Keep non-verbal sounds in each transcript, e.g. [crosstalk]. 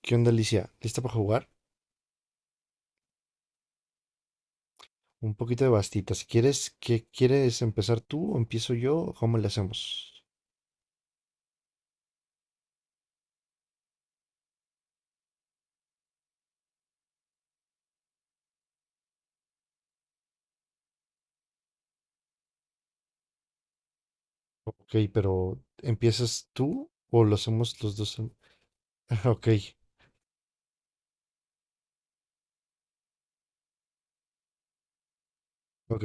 ¿Qué onda, Alicia? ¿Lista para jugar? Un poquito de bastita. Si quieres, ¿qué quieres empezar tú o empiezo yo? ¿Cómo le hacemos? Ok, pero ¿empiezas tú o lo hacemos los dos? [laughs] Ok, ok.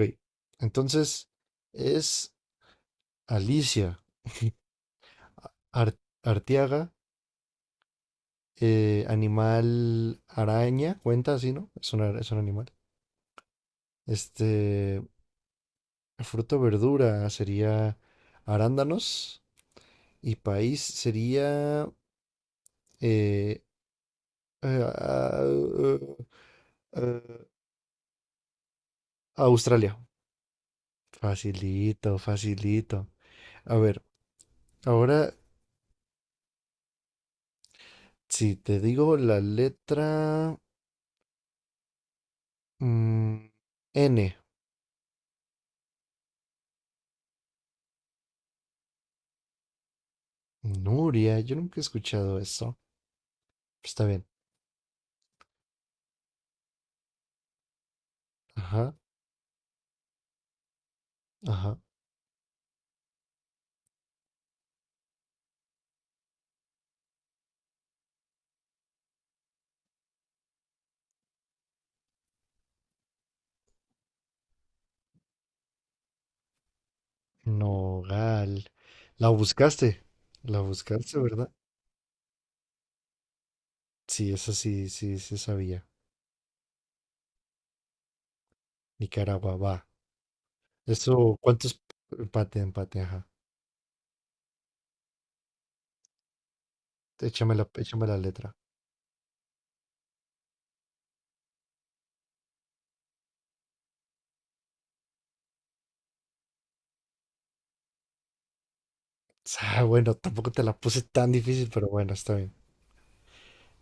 Entonces, es Alicia Arteaga, animal araña, cuenta así, ¿no? Es un animal. Este, fruto verdura sería arándanos y país sería eh, eh, a, eh, eh, Australia. Facilito, facilito. A ver, ahora si te digo la letra mm, N. Nuria, yo nunca he escuchado eso. Está bien. Ajá, ajá. Nogal. La buscaste. La buscaste, ¿verdad? Sí, esa sí, sí, sí sabía. Nicaragua, va. Eso, ¿cuántos? Empate, empate, ajá. Échame la letra. Ah, bueno, tampoco te la puse tan difícil, pero bueno, está bien.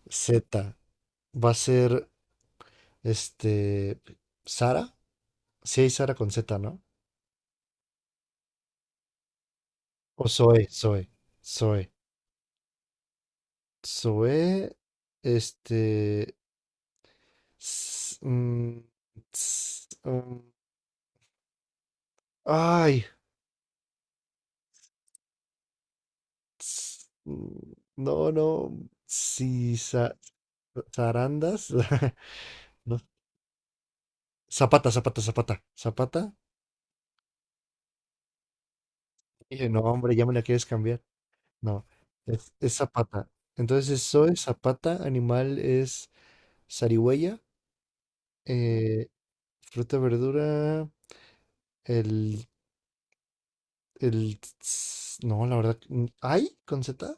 Z. Va a ser, este, Sara. Sí hay Sara con Z, ¿no? O Zoe, Zoe, Zoe. Zoe, este... s- mm, s- mm, ay. No, no. Sí, zarandas. [laughs] No. Zapata, zapata, zapata. Zapata. Dije, no, hombre, ya me la quieres cambiar. No, es Zapata. Entonces, soy Zapata, animal es zarigüeya, eh, fruta, verdura, el, el, no, la verdad, ¿hay con Z?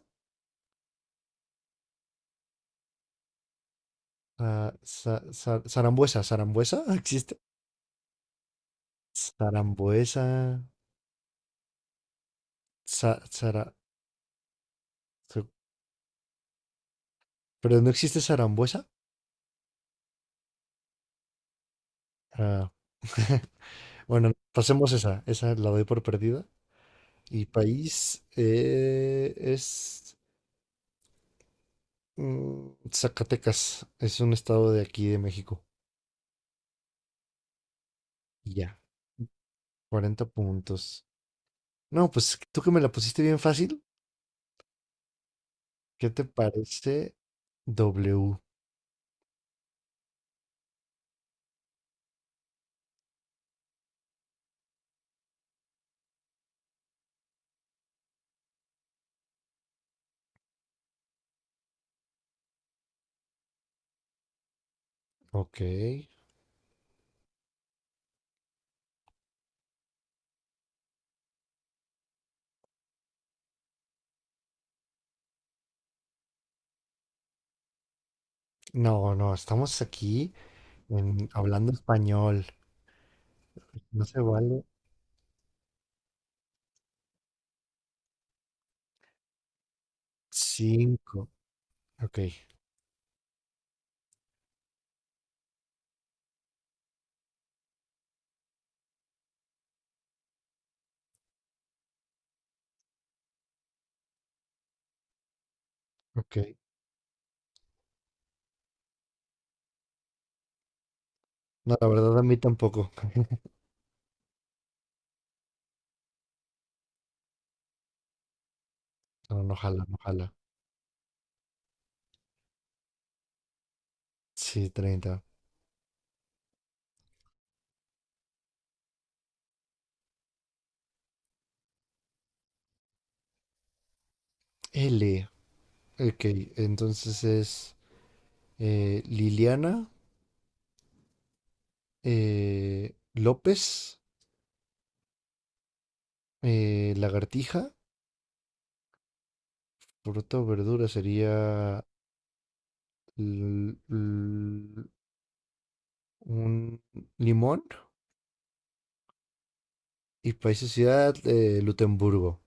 Ah, zarambuesa, zarambuesa, [laughs] ¿existe? Zarambuesa, za- zara- za- pero no existe zarambuesa. Ah, [laughs] Bueno, pasemos esa, esa la doy por perdida. Y país es Zacatecas, es un estado de aquí de México. Y ya. 40 puntos. No, pues tú que me la pusiste bien fácil. ¿Qué te parece W? Ok. No, no, estamos aquí hablando español. No se vale 5. Ok, ok. No, la verdad a mí tampoco. [laughs] No, no jala, no jala. Sí, 30. L. Ok, entonces es Liliana López. Lagartija, fruta o verdura sería l- l- un limón y país y ciudad Lutemburgo.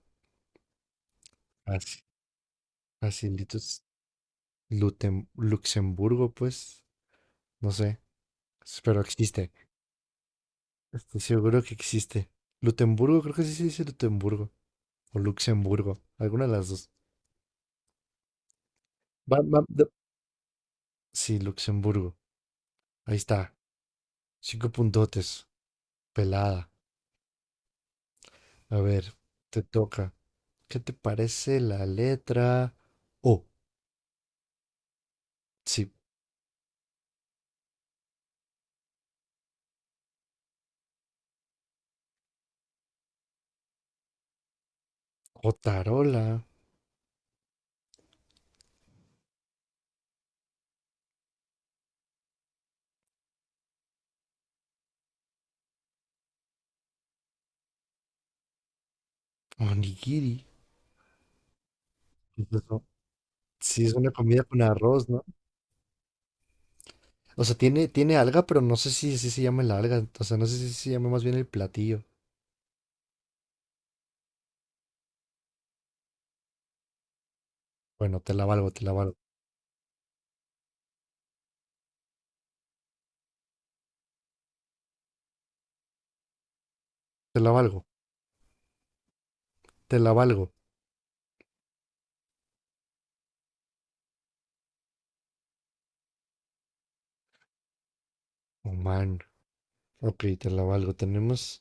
Así, así, Luxemburgo, pues, no sé, pero existe. Estoy seguro que existe. Lutemburgo, creo que sí se dice Lutemburgo o Luxemburgo, alguna de las dos. Va- va- de- sí, Luxemburgo. Ahí está. 5 puntotes. Pelada. A ver, te toca. ¿Qué te parece la letra O? Sí, o tarola, onigiri. Pues no. Sí, es una comida con arroz, ¿no? O sea, tiene alga, pero no sé si se llama la alga. O sea, no sé si se llama más bien el platillo. Bueno, te la valgo, te la valgo. Te la valgo, te la valgo. Oh, man. Ok, te la valgo. Tenemos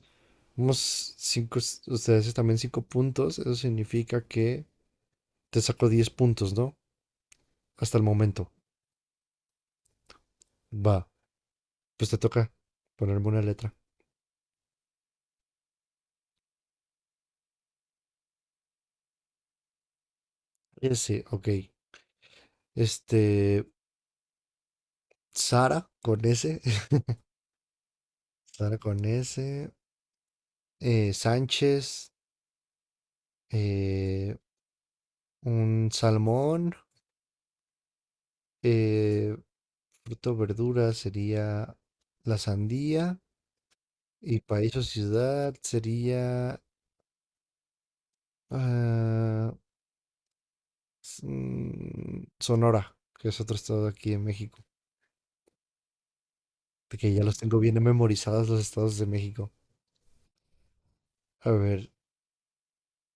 unos cinco, ustedes también 5 puntos. Eso significa que te saco 10 puntos, ¿no? Hasta el momento. Va, pues te toca ponerme una letra. Ese, ok. Este, Sara con S, [laughs] Sara con S, Sánchez, eh, un salmón, eh, fruto, verdura sería la sandía y país o ciudad sería ah, Sonora, que es otro estado aquí en México, de que ya los tengo bien memorizados los estados de México. A ver,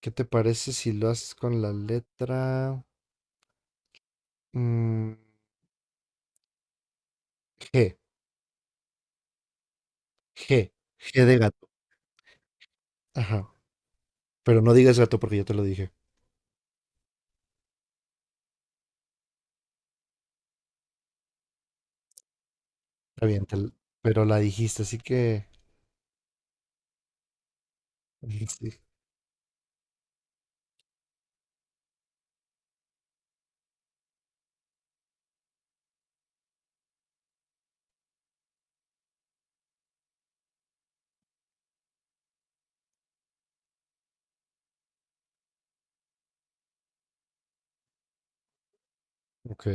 ¿qué te parece si lo haces con la letra mm, G? G, G de gato. Ajá. Pero no digas gato porque yo te lo dije. Está bien, pero la dijiste, así que. Sí, ok.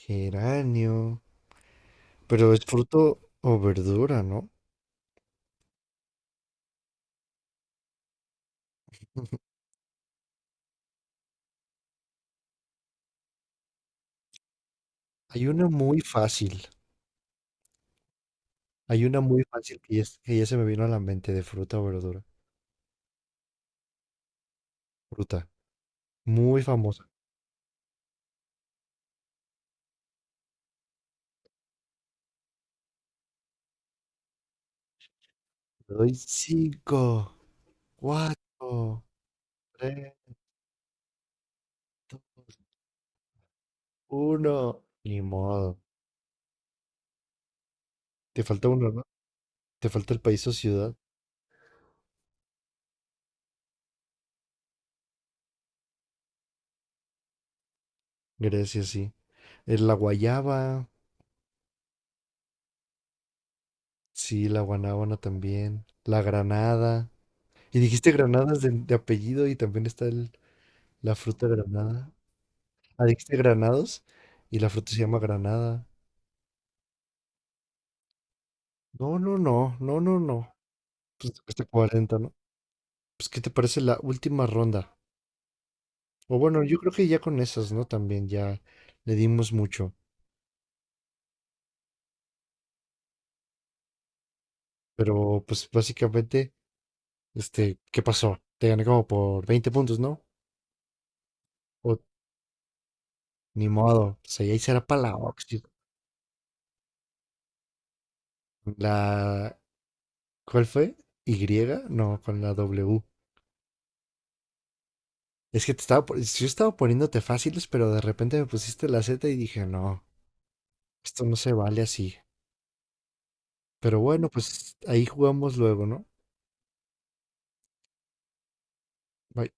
Geranio. Pero es fruto o verdura, ¿no? Hay una muy fácil. Hay una muy fácil que ya, que ya se me vino a la mente de fruta o verdura. Fruta. Muy famosa. Te doy cinco, cuatro, tres, dos, uno. Ni modo. Te falta uno, ¿no? Te falta el país o ciudad. Grecia, sí. Es la guayaba. Sí, la guanábana también. La granada. Y dijiste granadas de apellido y también está la fruta granada. Ah, dijiste granados y la fruta se llama granada. No, no, no, no, no, no. Pues hasta 40, ¿no? Pues, ¿qué te parece la última ronda? O bueno, yo creo que ya con esas, ¿no? También ya le dimos mucho. Pero, pues, básicamente, este, ¿qué pasó? Te gané como por 20 puntos, ¿no? O, ni modo. O sea, y ahí será para la Oxy. La ¿Cuál fue? ¿Y? No, con la W. Es que yo estaba poniéndote fáciles, pero de repente me pusiste la Z y dije, no, esto no se vale así. Pero bueno, pues ahí jugamos luego, ¿no? Bye.